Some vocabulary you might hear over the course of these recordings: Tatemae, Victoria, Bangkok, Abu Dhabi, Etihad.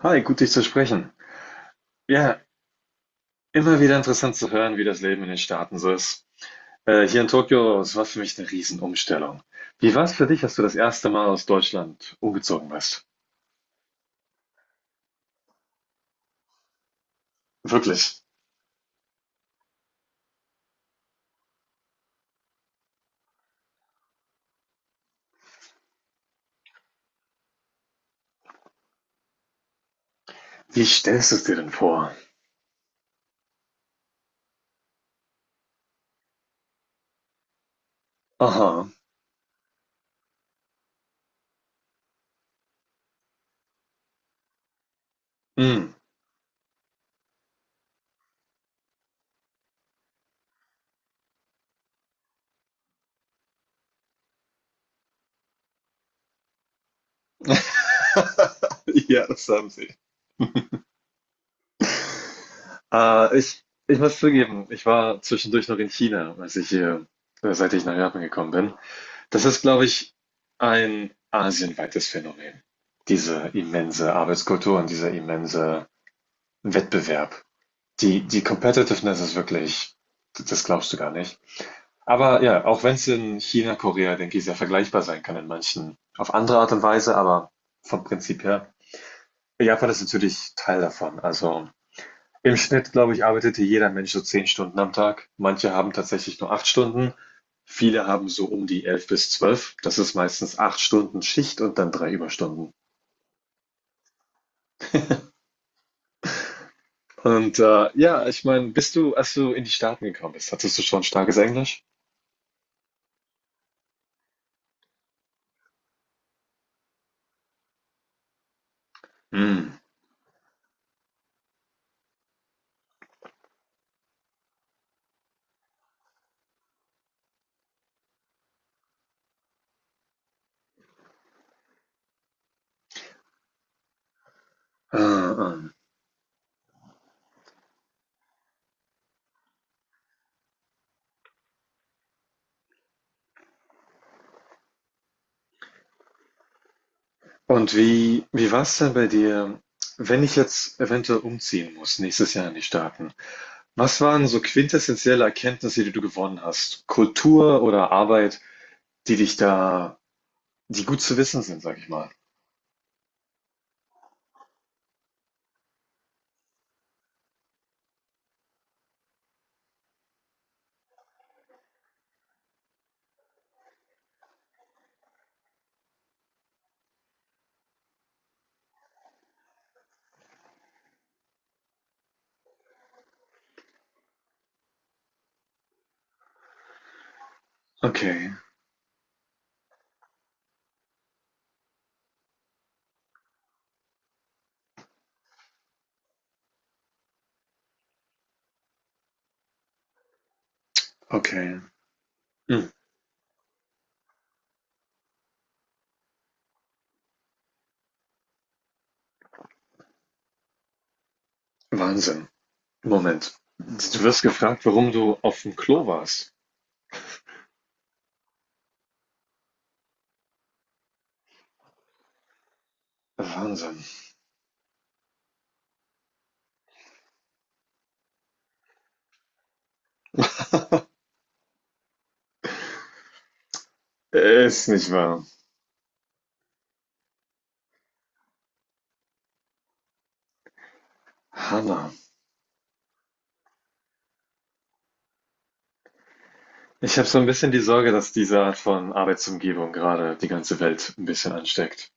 Hi, gut dich zu sprechen. Ja, immer wieder interessant zu hören, wie das Leben in den Staaten so ist. Hier in Tokio, es war für mich eine Riesenumstellung. Wie war es für dich, als du das erste Mal aus Deutschland umgezogen bist? Wirklich. Wie stellst du es dir denn vor? Aha. Hm. Ja, das haben sie. Ich muss zugeben, ich war zwischendurch noch in China, seit ich nach Japan gekommen bin. Das ist, glaube ich, ein asienweites Phänomen. Diese immense Arbeitskultur und dieser immense Wettbewerb. Die Competitiveness ist wirklich, das glaubst du gar nicht. Aber ja, auch wenn es in China, Korea, denke ich, sehr vergleichbar sein kann in manchen, auf andere Art und Weise, aber vom Prinzip her. Japan ist natürlich Teil davon. Also im Schnitt, glaube ich, arbeitete jeder Mensch so zehn Stunden am Tag. Manche haben tatsächlich nur acht Stunden. Viele haben so um die elf bis zwölf. Das ist meistens acht Stunden Schicht und dann drei Überstunden. Und ja, ich meine, bist du, als du in die Staaten gekommen bist, hattest du schon starkes Englisch? Mm. Ah, ah. Und wie war es denn bei dir, wenn ich jetzt eventuell umziehen muss, nächstes Jahr in die Staaten? Was waren so quintessentielle Erkenntnisse, die du gewonnen hast? Kultur oder Arbeit, die dich da, die gut zu wissen sind, sag ich mal. Okay, okay. Hm. Wahnsinn. Moment. Du wirst gefragt, warum du auf dem Klo warst. Wahnsinn. Ist nicht wahr. Hammer. Ich habe so ein bisschen die Sorge, dass diese Art von Arbeitsumgebung gerade die ganze Welt ein bisschen ansteckt.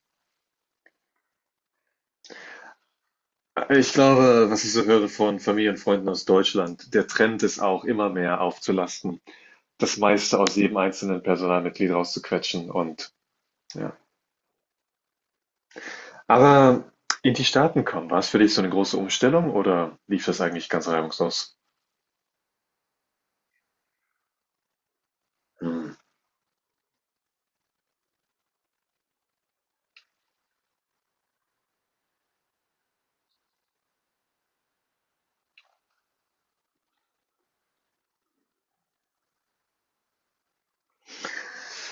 Ich glaube, was ich so höre von Familie und Freunden aus Deutschland, der Trend ist auch immer mehr aufzulasten, das meiste aus jedem einzelnen Personalmitglied rauszuquetschen und ja. Aber in die Staaten kommen, war es für dich so eine große Umstellung oder lief das eigentlich ganz reibungslos? Hm.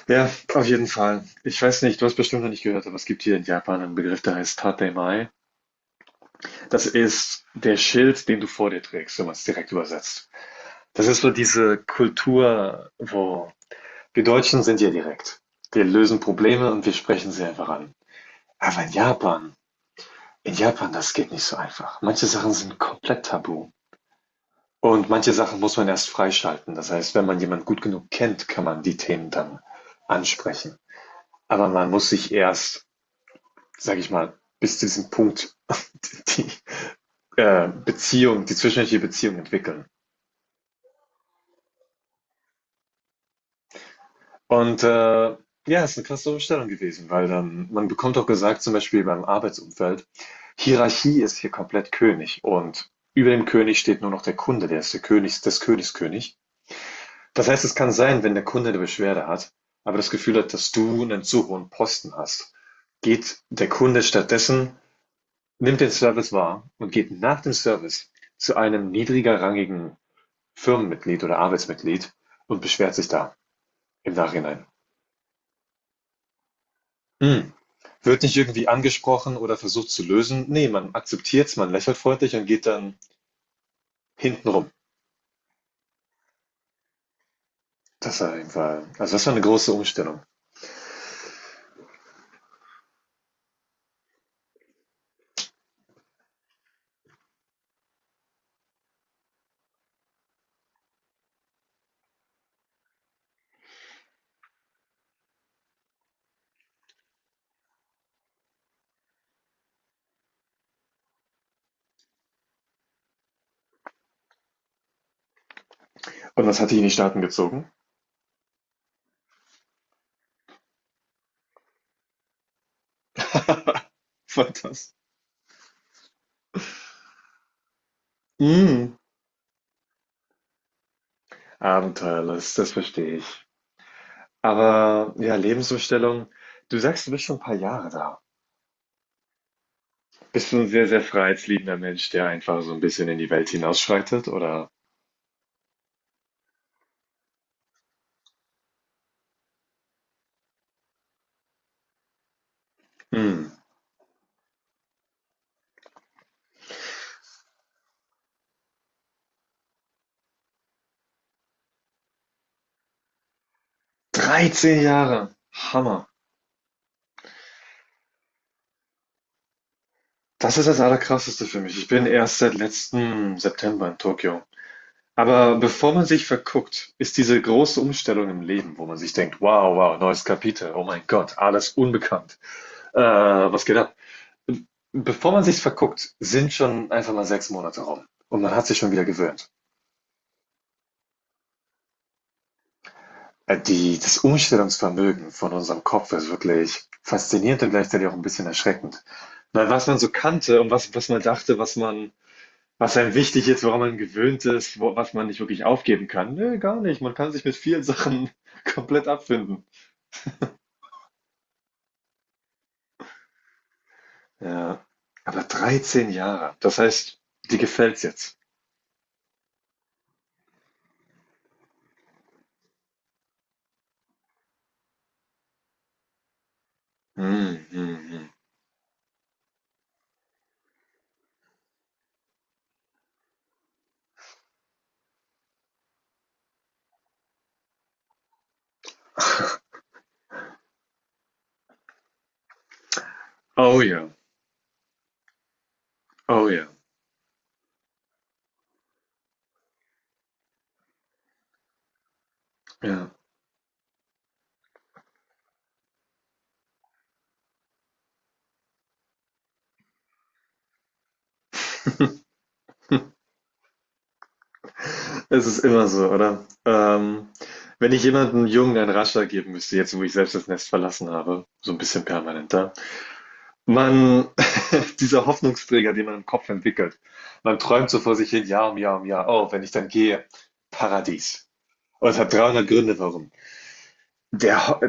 Ja, auf jeden Fall. Ich weiß nicht, du hast bestimmt noch nicht gehört, aber es gibt hier in Japan einen Begriff, der heißt Tatemae. Das ist der Schild, den du vor dir trägst, wenn man es direkt übersetzt. Das ist so diese Kultur, wo wir Deutschen sind ja direkt. Wir lösen Probleme und wir sprechen sie einfach an. Aber in Japan, das geht nicht so einfach. Manche Sachen sind komplett tabu. Und manche Sachen muss man erst freischalten. Das heißt, wenn man jemanden gut genug kennt, kann man die Themen dann ansprechen. Aber man muss sich erst, sage ich mal, bis zu diesem Punkt die Beziehung, die zwischenmenschliche Beziehung entwickeln. Und, ja, ist eine krasse Umstellung gewesen, weil dann man bekommt auch gesagt, zum Beispiel beim Arbeitsumfeld: „Hierarchie ist hier komplett König und über dem König steht nur noch der Kunde, der ist der König des Königs König.“ Das heißt, es kann sein, wenn der Kunde eine Beschwerde hat, aber das Gefühl hat, dass du einen zu hohen Posten hast, geht der Kunde stattdessen nimmt den Service wahr und geht nach dem Service zu einem niedriger rangigen Firmenmitglied oder Arbeitsmitglied und beschwert sich da im Nachhinein. Hm. Wird nicht irgendwie angesprochen oder versucht zu lösen. Nee, man akzeptiert es, man lächelt freundlich und geht dann hintenrum. Das war auf Fall, also das war eine große Umstellung. Und was hat die in die Staaten gezogen? Fantas. Mhm. Abenteuerlust, das verstehe ich. Aber ja, Lebensumstellung, du sagst, du bist schon ein paar Jahre da. Bist du ein sehr, sehr freiheitsliebender Mensch, der einfach so ein bisschen in die Welt hinausschreitet, oder? Hm, 13 Jahre, Hammer. Das ist das Allerkrasseste für mich. Ich bin erst seit letzten September in Tokio. Aber bevor man sich verguckt, ist diese große Umstellung im Leben, wo man sich denkt, wow, wow, neues Kapitel, oh mein Gott, alles unbekannt, äh, was geht ab? Bevor man sich verguckt, sind schon einfach mal sechs Monate rum und man hat sich schon wieder gewöhnt. Das Umstellungsvermögen von unserem Kopf ist wirklich faszinierend und gleichzeitig auch ein bisschen erschreckend. Weil was man so kannte und was, was man dachte, was man Was einem wichtig ist, woran man gewöhnt ist, was man nicht wirklich aufgeben kann. Nö, gar nicht. Man kann sich mit vielen Sachen komplett abfinden. Ja. Aber 13 Jahre. Das heißt, dir gefällt's jetzt. Hm, hm, hm. Oh ja. Oh ja. Ja. Es ist immer so, oder? Wenn ich jemandem Jungen einen Ratschlag geben müsste, jetzt wo ich selbst das Nest verlassen habe, so ein bisschen permanent, man dieser Hoffnungsträger, den man im Kopf entwickelt. Man träumt so vor sich hin, Jahr um Jahr um Jahr. Oh, wenn ich dann gehe, Paradies. Und es hat 300 Gründe, warum. Der, Ho-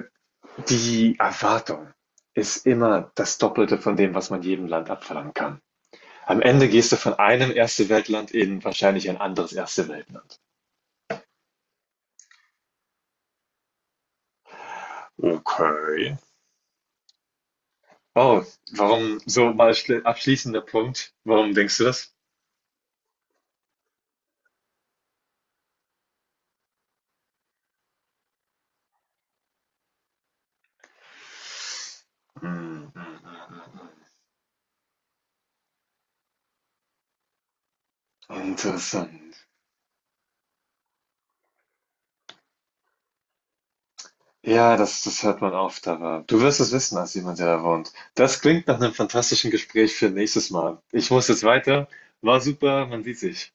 Die Erwartung ist immer das Doppelte von dem, was man jedem Land abverlangen kann. Am Ende gehst du von einem Erste-Welt-Land in wahrscheinlich ein anderes Erste-Welt-Land. Okay. Oh, warum so mal abschließender Punkt? Warum denkst du das? Hm, hm, hm. Interessant. Ja, das hört man oft, aber du wirst es wissen als jemand, der da wohnt. Das klingt nach einem fantastischen Gespräch für nächstes Mal. Ich muss jetzt weiter. War super, man sieht sich.